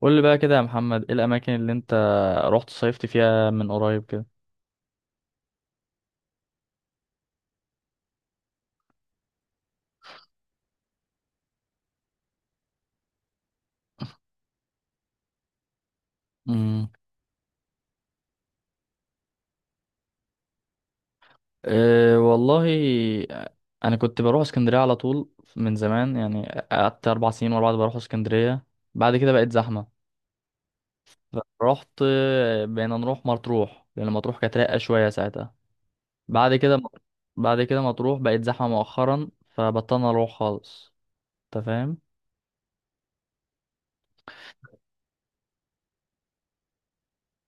قول لي بقى كده يا محمد، ايه الاماكن اللي انت رحت صيفت فيها من قريب كده؟ امم أه والله، انا كنت بروح اسكندريه على طول من زمان يعني. قعدت 4 سنين ورا بعض بروح اسكندريه. بعد كده بقت زحمه. رحت، بقينا نروح مطروح لان مطروح كانت رايقه شويه ساعتها. بعد كده بعد كده مطروح بقت زحمه مؤخرا فبطلنا اروح خالص. انت فاهم؟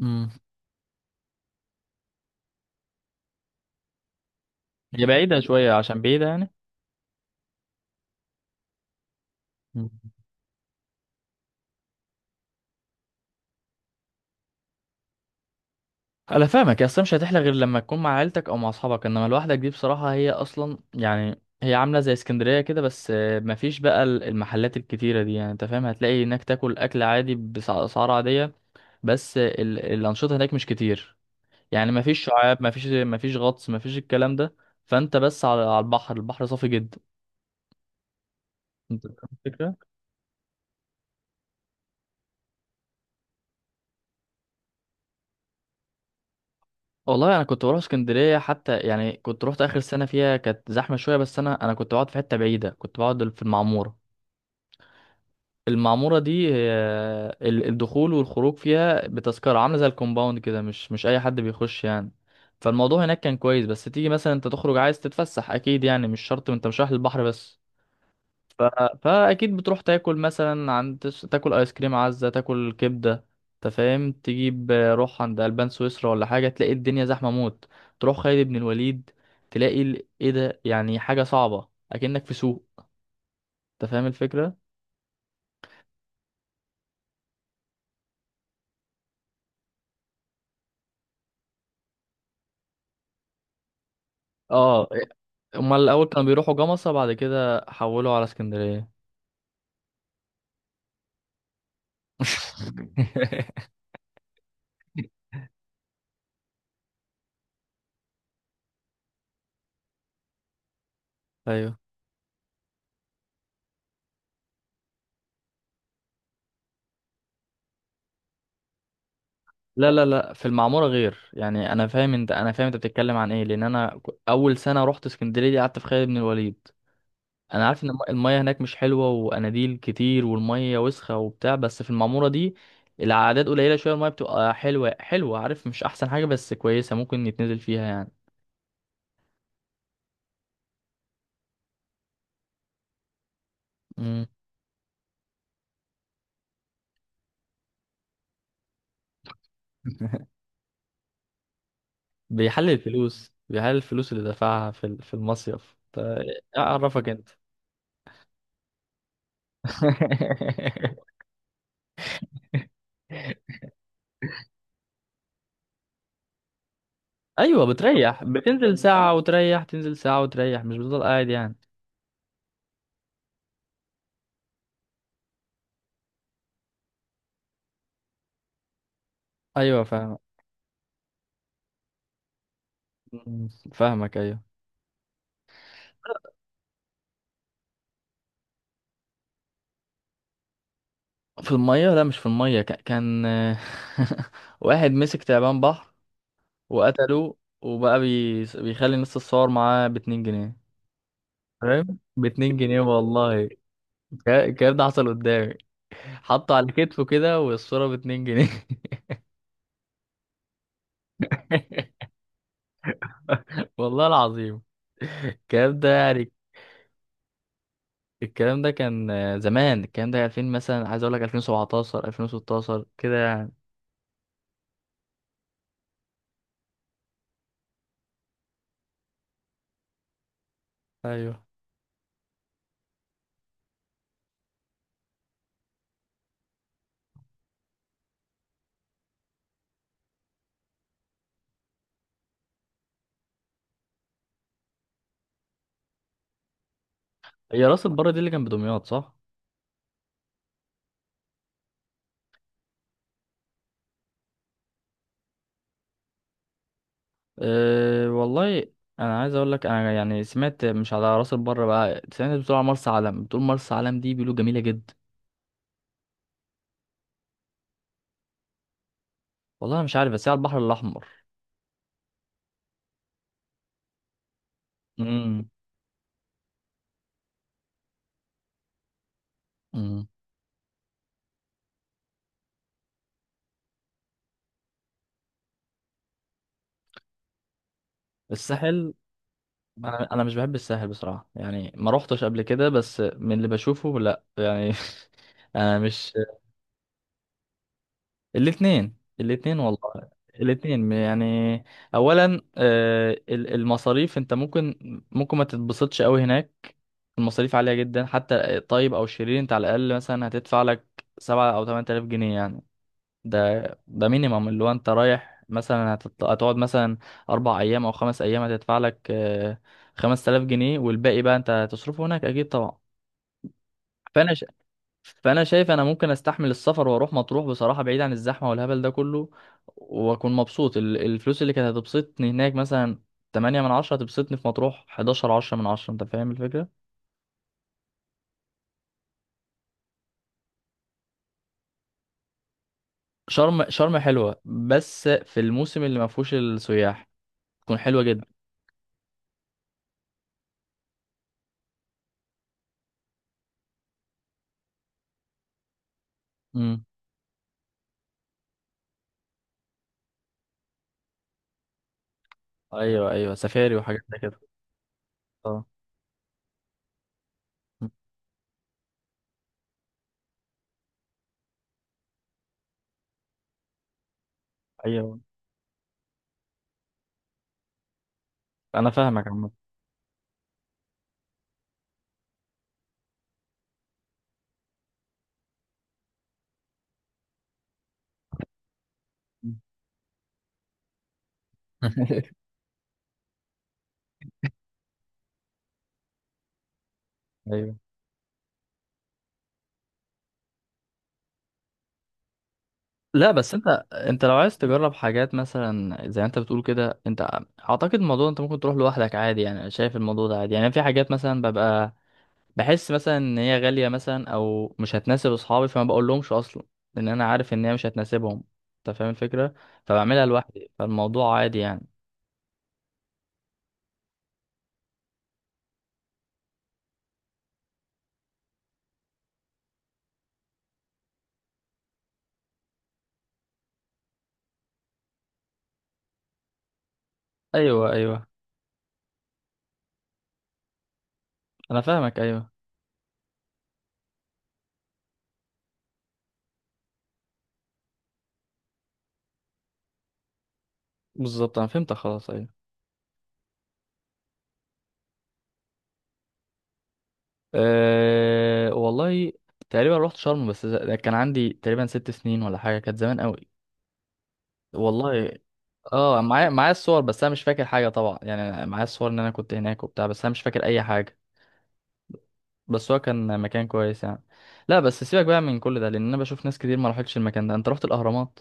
امم هي بعيده شويه، عشان بعيده يعني. انا فاهمك يا، اصلا مش هتحلى غير لما تكون مع عيلتك او مع اصحابك، انما لوحدك دي بصراحه هي اصلا، يعني هي عامله زي اسكندريه كده، بس مفيش بقى المحلات الكتيره دي، يعني انت فاهم هتلاقي هناك تاكل اكل عادي باسعار عاديه. بس الانشطه هناك مش كتير. يعني مفيش شعاب، مفيش غطس، مفيش الكلام ده. فانت بس على البحر، البحر صافي جدا. انت فاهم الفكره؟ والله انا كنت بروح اسكندريه حتى، يعني كنت روحت اخر سنه فيها كانت زحمه شويه، بس انا كنت بقعد في حته بعيده. كنت بقعد في المعموره. المعمورة دي هي الدخول والخروج فيها بتذكرة، عاملة زي الكومباوند كده، مش أي حد بيخش يعني. فالموضوع هناك كان كويس، بس تيجي مثلا انت تخرج عايز تتفسح، اكيد يعني مش شرط انت مش رايح للبحر بس. ف... فاكيد بتروح تاكل مثلا عند تاكل ايس كريم عزة، تاكل كبدة. انت فاهم تجيب، روح عند البان سويسرا ولا حاجة تلاقي الدنيا زحمة موت. تروح خالد بن الوليد، تلاقي ايه ده؟ يعني حاجة صعبة اكنك في سوق. انت فاهم الفكرة؟ اه. امال الاول كانوا بيروحوا جمصة بعد كده حولوا على اسكندرية. ايوه. لا لا لا، في المعمورة غير، يعني انا فاهم انت، انا فاهم انت بتتكلم عن ايه، لان انا اول سنة رحت اسكندرية دي قعدت في خالد بن الوليد. انا عارف ان المية هناك مش حلوة، واناديل كتير، والمية وسخة وبتاع، بس في المعمورة دي العادات قليلة شوية، المية بتبقى حلوة حلوة، عارف مش احسن حاجة بس كويسة ممكن يتنزل فيها يعني. مم. بيحلل الفلوس، بيحلل الفلوس اللي دفعها في في المصيف ف-. اعرفك انت. ايوه، بتريح، بتنزل ساعة وتريح، تنزل ساعة وتريح، مش بتفضل قاعد يعني. ايوه فاهم. مم، فاهمك ايوه. في المية لا، مش في المية. كان واحد مسك تعبان بحر وقتله، وبقى بيخلي الناس تتصور معاه باتنين جنيه. فاهم؟ باتنين جنيه والله. الكلام ده حصل قدامي. حطه على كتفه كده والصورة باتنين جنيه. والله العظيم الكلام ده يعني. الكلام ده كان زمان، الكلام ده 2000 مثلا، عايز اقول لك 2017، 2016 كده يعني. ايوه. هي راس البر دي اللي كان بدمياط صح؟ أه والله، انا عايز اقول لك انا يعني سمعت، مش على راس البر بقى، سمعت بتقول على مرسى علم، بتقول مرسى علم دي بيقولوا جميله جدا. والله أنا مش عارف بس هي على البحر الاحمر. امم. امم. الساحل. انا مش بحب الساحل بصراحه، يعني ما روحتش قبل كده بس من اللي بشوفه لا يعني. انا مش. الاثنين، الاثنين والله. الاثنين يعني، اولا المصاريف انت ممكن، ما تتبسطش قوي هناك. المصاريف عالية جدا، حتى الطيب او الشرير انت على الاقل مثلا هتدفع لك 7 او 8000 جنيه يعني. ده مينيمم، اللي هو انت رايح مثلا هتقعد مثلا 4 ايام او 5 ايام هتدفع لك 5000 جنيه، والباقي بقى انت هتصرفه هناك اكيد طبعا. فانا فانا شايف انا ممكن استحمل السفر واروح مطروح بصراحه، بعيد عن الزحمه والهبل ده كله، واكون مبسوط. الفلوس اللي كانت هتبسطني هناك مثلا 8 من 10، هتبسطني في مطروح 11، 10 من 10. انت فاهم الفكره؟ شرم، شرم حلوه بس في الموسم اللي ما فيهوش السياح تكون حلوه جدا. امم. ايوه ايوه سفاري وحاجات زي كده. اه. مم. ايوه انا فاهمك عامه. مم. ايوه. لا بس انت، انت لو عايز تجرب حاجات مثلا زي ما انت بتقول كده، انت اعتقد الموضوع انت ممكن تروح لوحدك عادي يعني، انا شايف الموضوع ده عادي يعني. في حاجات مثلا ببقى بحس مثلا ان هي غالية مثلا او مش هتناسب اصحابي، فما بقول لهمش اصلا، لان انا عارف ان هي مش هتناسبهم. انت فاهم الفكرة؟ فبعملها لوحدي، فالموضوع عادي يعني. ايوه ايوه انا فاهمك ايوه. بالظبط، انا فهمتك خلاص، ايوه. أه والله، تقريبا رحت شرم، بس كان عندي تقريبا 6 سنين ولا حاجة، كانت زمان قوي. والله. اه، معايا الصور، بس انا مش فاكر حاجه طبعا يعني. أنا معايا الصور ان انا كنت هناك وبتاع، بس انا مش فاكر اي حاجه. بس هو كان مكان كويس يعني. لا بس سيبك بقى من كل ده، لان انا بشوف ناس كتير ما راحتش المكان ده. انت رحت الاهرامات؟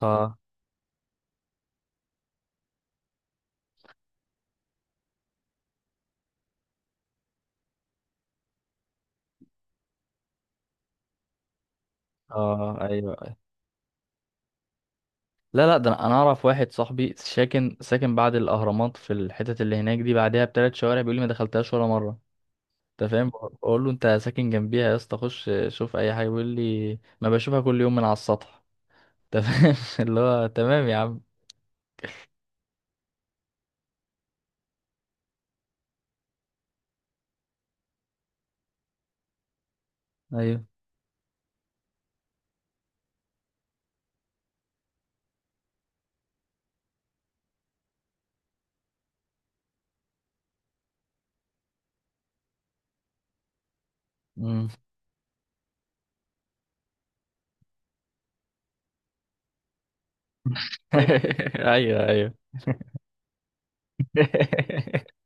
اه. اه. ايوه أيوة. لا لا، ده انا، اعرف واحد صاحبي ساكن بعد الاهرامات في الحتت اللي هناك دي، بعدها بثلاث شوارع، بيقول لي ما دخلتهاش ولا مره. انت فاهم، بقول له انت ساكن جنبيها يا اسطى، خش شوف اي حاجه، بيقول لي ما بشوفها كل يوم من على السطح. انت فاهم؟ اللي هو تمام يا عم. ايوه. مم. ايوه. ايوه.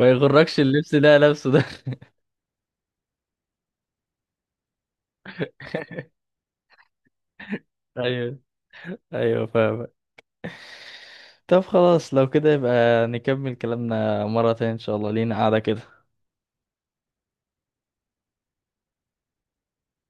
ما يغركش اللبس ده لابسه ده. ايوه، ايوه فاهم. طب خلاص لو كده يبقى نكمل كلامنا مرة تانية ان شاء الله، لينا قاعدة كده.